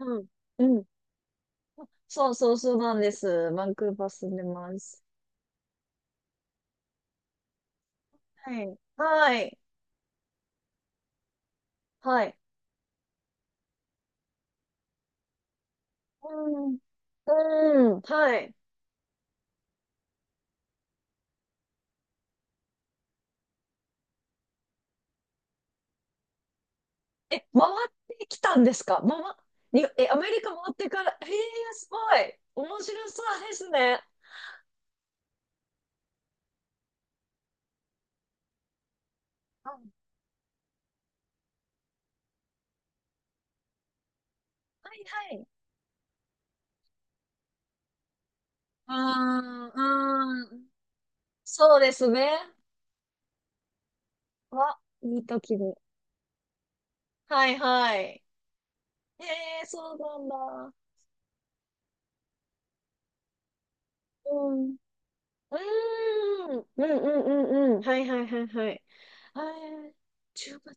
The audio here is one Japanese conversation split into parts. うん。うん。そうそうそうなんです。バンクーバー住んでます。はい。はい。はい。うん。うん。はい。え、回ってきたんですか？回っ、に、え、アメリカ回ってから、すごい。面白そうですね。うん、はいはい。あー、うん。そうですね。わ、いい時に。はいはい。えー、そうなんだ。うん。うーん、うんうんうんうん。はいはいはいはい。あー、じゅうが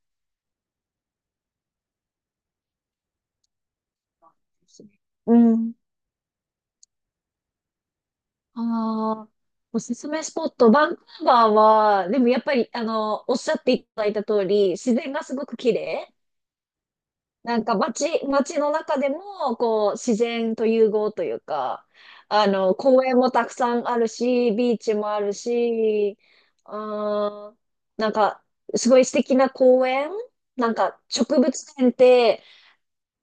つなんですね。うん。ああ、おすすめスポット、バンクーバーは、でもやっぱり、おっしゃっていただいた通り、自然がすごく綺麗。なんか街の中でも、こう、自然と融合というか、公園もたくさんあるし、ビーチもあるし、あー、なんか、すごい素敵な公園、なんか、植物園って、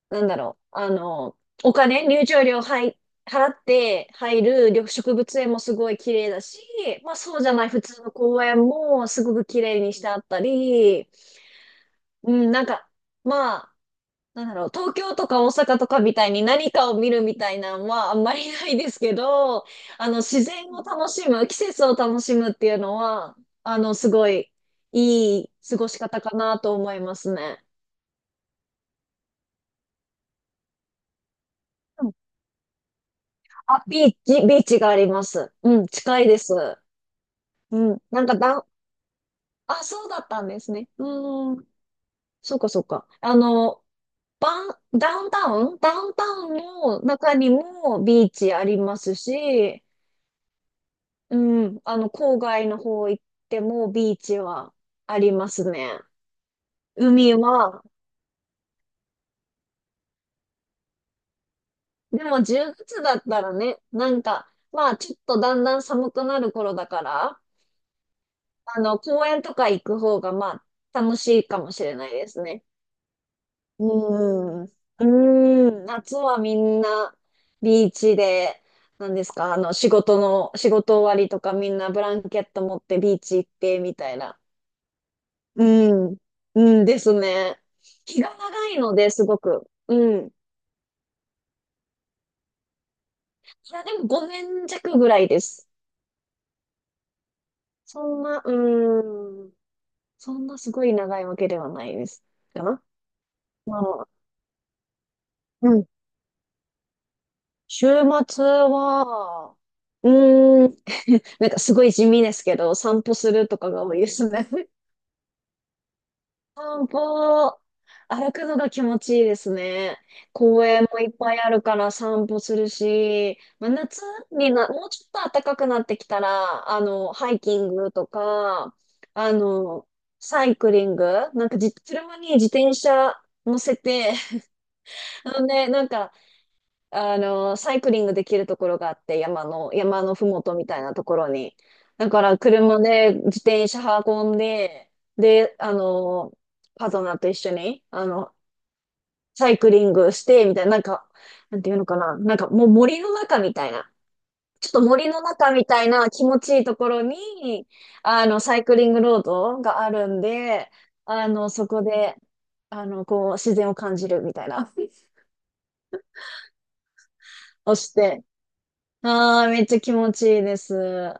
なんだろう、お金、入場料、はい、払って入る緑植物園もすごい綺麗だし、まあそうじゃない普通の公園もすごく綺麗にしてあったり、うん、なんか、まあ、なんだろう、東京とか大阪とかみたいに何かを見るみたいなのはあんまりないですけど、自然を楽しむ、季節を楽しむっていうのは、すごいいい過ごし方かなと思いますね。うん、あ、ビーチがあります。うん、近いです。うん、なんかだんあ、そうだったんですね。うーん、そうかそうか。ダウンタウンの中にもビーチありますし、うん、郊外の方行ってもビーチはありますね。海は、でも10月だったらね、なんか、まあちょっとだんだん寒くなる頃だから、公園とか行く方がまあ楽しいかもしれないですね。うーん。うーん。夏はみんなビーチで、なんですか、仕事の、仕事終わりとかみんなブランケット持ってビーチ行ってみたいな、うん。うんですね。気が長いので、すごく。うん。いや、でも5年弱ぐらいです。そんな、うん。そんなすごい長いわけではないです。かな。まあ、うん。週末は、うーん、なんかすごい地味ですけど、散歩するとかが多いですね。散歩、歩くのが気持ちいいですね。公園もいっぱいあるから散歩するし、まあ、夏にな、もうちょっと暖かくなってきたら、ハイキングとか、あの、サイクリング、なんかじ、車に自転車乗せて、あのね、なんかサイクリングできるところがあって、山のふもとみたいなところに。だから、車で自転車運んで、で、パートナーと一緒に、サイクリングして、みたいな、なんか、なんていうのかな、なんかもう森の中みたいな、ちょっと森の中みたいな気持ちいいところに、サイクリングロードがあるんで、そこで、こう、自然を感じるみたいな、をして、ああ、めっちゃ気持ちいいです。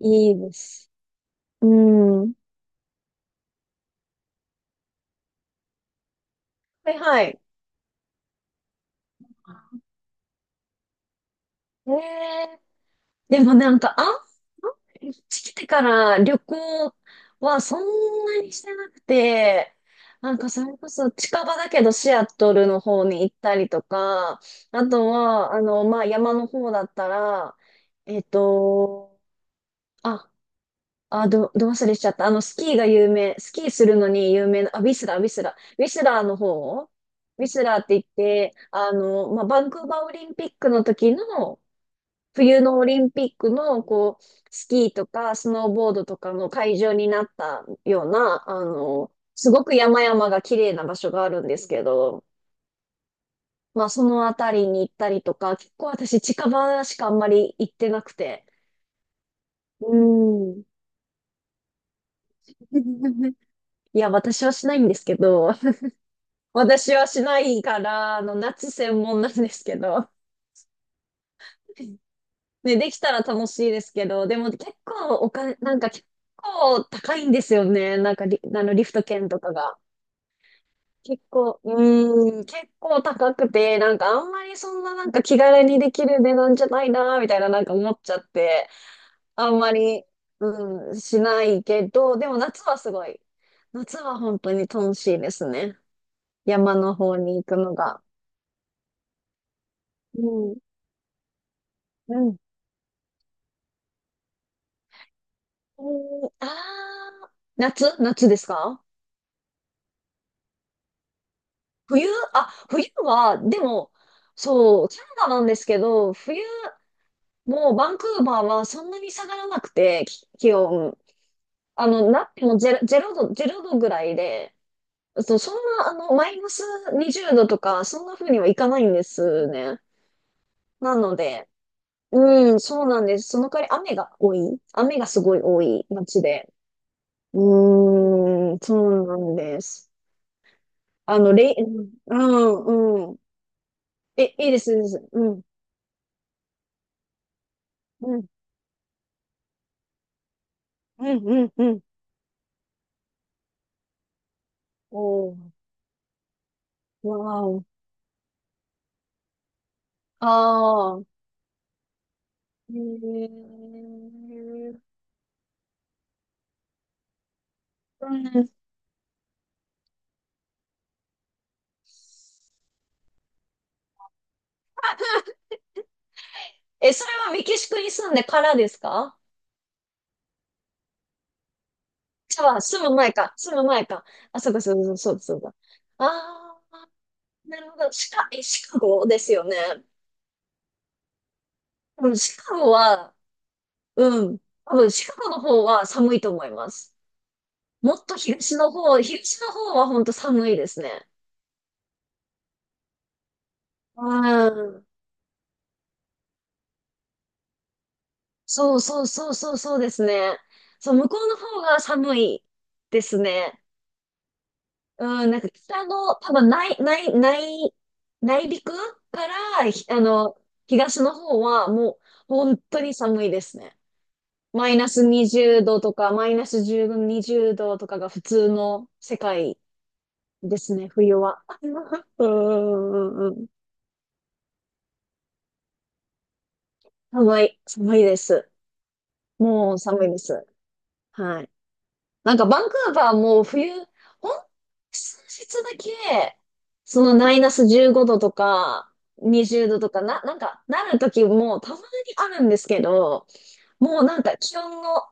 いいです。うん。はいはい。ええ、でもなんか、こっち来てから旅行はそんなにしてなくて、なんかそれこそ近場だけどシアトルの方に行ったりとか、あとは、まあ、山の方だったら、えっと、あ、ど忘れしちゃった。スキーが有名、スキーするのに有名な、あ、ウィスラー、ウィスラー。ウィスラーの方、ウィスラーって言って、まあ、バンクーバーオリンピックの時の、冬のオリンピックの、こう、スキーとか、スノーボードとかの会場になったような、すごく山々が綺麗な場所があるんですけど、まあ、そのあたりに行ったりとか、結構私近場しかあんまり行ってなくて、うん。いや、私はしないんですけど、私はしないから、夏専門なんですけど。ね、できたら楽しいですけど、でも結構お金、なんか結構高いんですよね。なんかリ、あのリフト券とかが。結構、うーん、結構高くて、なんかあんまりそんななんか気軽にできる値段じゃないな、みたいななんか思っちゃって、あんまり、うん、しないけど、でも夏はすごい。夏は本当に楽しいですね。山の方に行くのが。うん。うんうん、ああ、夏ですか？冬、あ、冬は、でも、そう、キャナダなんですけど、冬、もうバンクーバーはそんなに下がらなくて、気温。なってもゼロ度ぐらいで、そうそんな、マイナス20度とか、そんな風にはいかないんですね。なので、うん、そうなんです。その代わり雨が多い。雨がすごい多い街で。うーん、そうなんです。あの、レイ、うん、うん。え、いいです、いいです。うん、うん、うん、うん、うん。おー、わーお。ああ、へー、うん。え、それはメキシコに住んでからですか？じゃあ、住む前か、住む前か。あ、そうか、そうか、そうか、そうか。ああ、なるほど。シカゴですよね？うん、シカゴは、うん、多分シカゴの方は寒いと思います。もっと東の方、東の方は本当寒いですね。うん。そうそうそうそうそうですね。そう、向こうの方が寒いですね。うん、なんか北の、多分内陸から、東の方はもう本当に寒いですね。マイナス20度とか、マイナス10度、20度とかが普通の世界ですね、冬は。うんうんうんうん。寒い、寒いです。もう寒いです。はい。なんかバンクーバーも冬、ほん、数日だけ、そのマイナス15度とか、20度とかな、なんかなる時もたまにあるんですけど、もうなんか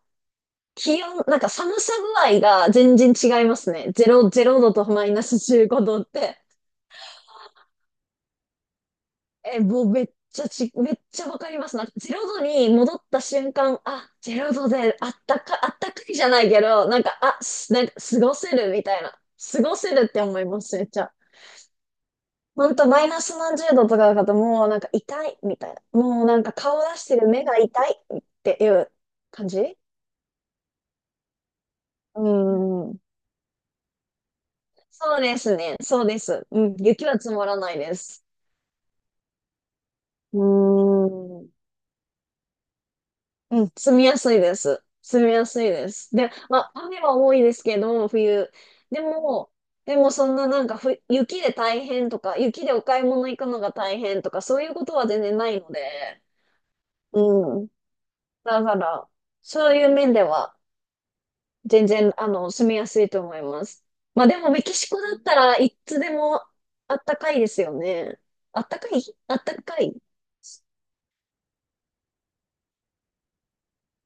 気温、なんか寒さ具合が全然違いますね。0、ゼロ度とマイナス15度って。え、もうめっちゃわかりますな。ゼロ度に戻った瞬間、あ、ゼロ度であったかいじゃないけど、なんか、あ、なんか過ごせるみたいな。過ごせるって思います、めっちゃ。ほんと、マイナス何十度とかだと、もうなんか痛いみたいな。もうなんか顔出してる目が痛いっていう感じ。うーん。そうですね。そうです。うん。雪は積もらないです。うーん。うん、住みやすいです。住みやすいです。で、まあ、雨は多いですけど、冬。でも、でもそんななんかふ、雪で大変とか、雪でお買い物行くのが大変とか、そういうことは全然ないので、うん。だから、そういう面では、全然、住みやすいと思います。まあでも、メキシコだったらいつでもあったかいですよね。あったかい、あったかい。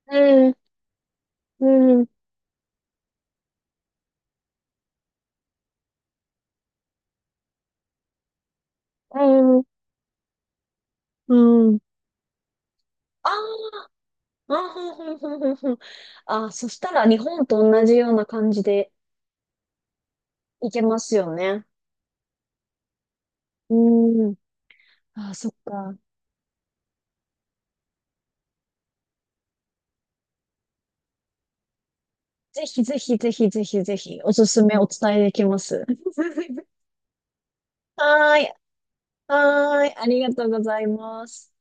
うん、うん、うん、うん。ああー、ふんふんふんふんふん。あー、そしたら日本と同じような感じでいけますよね。うーん。あー、そっか。ぜひぜひぜひぜひぜひ、おすすめお伝えできます。はーい。はーい。ありがとうございます。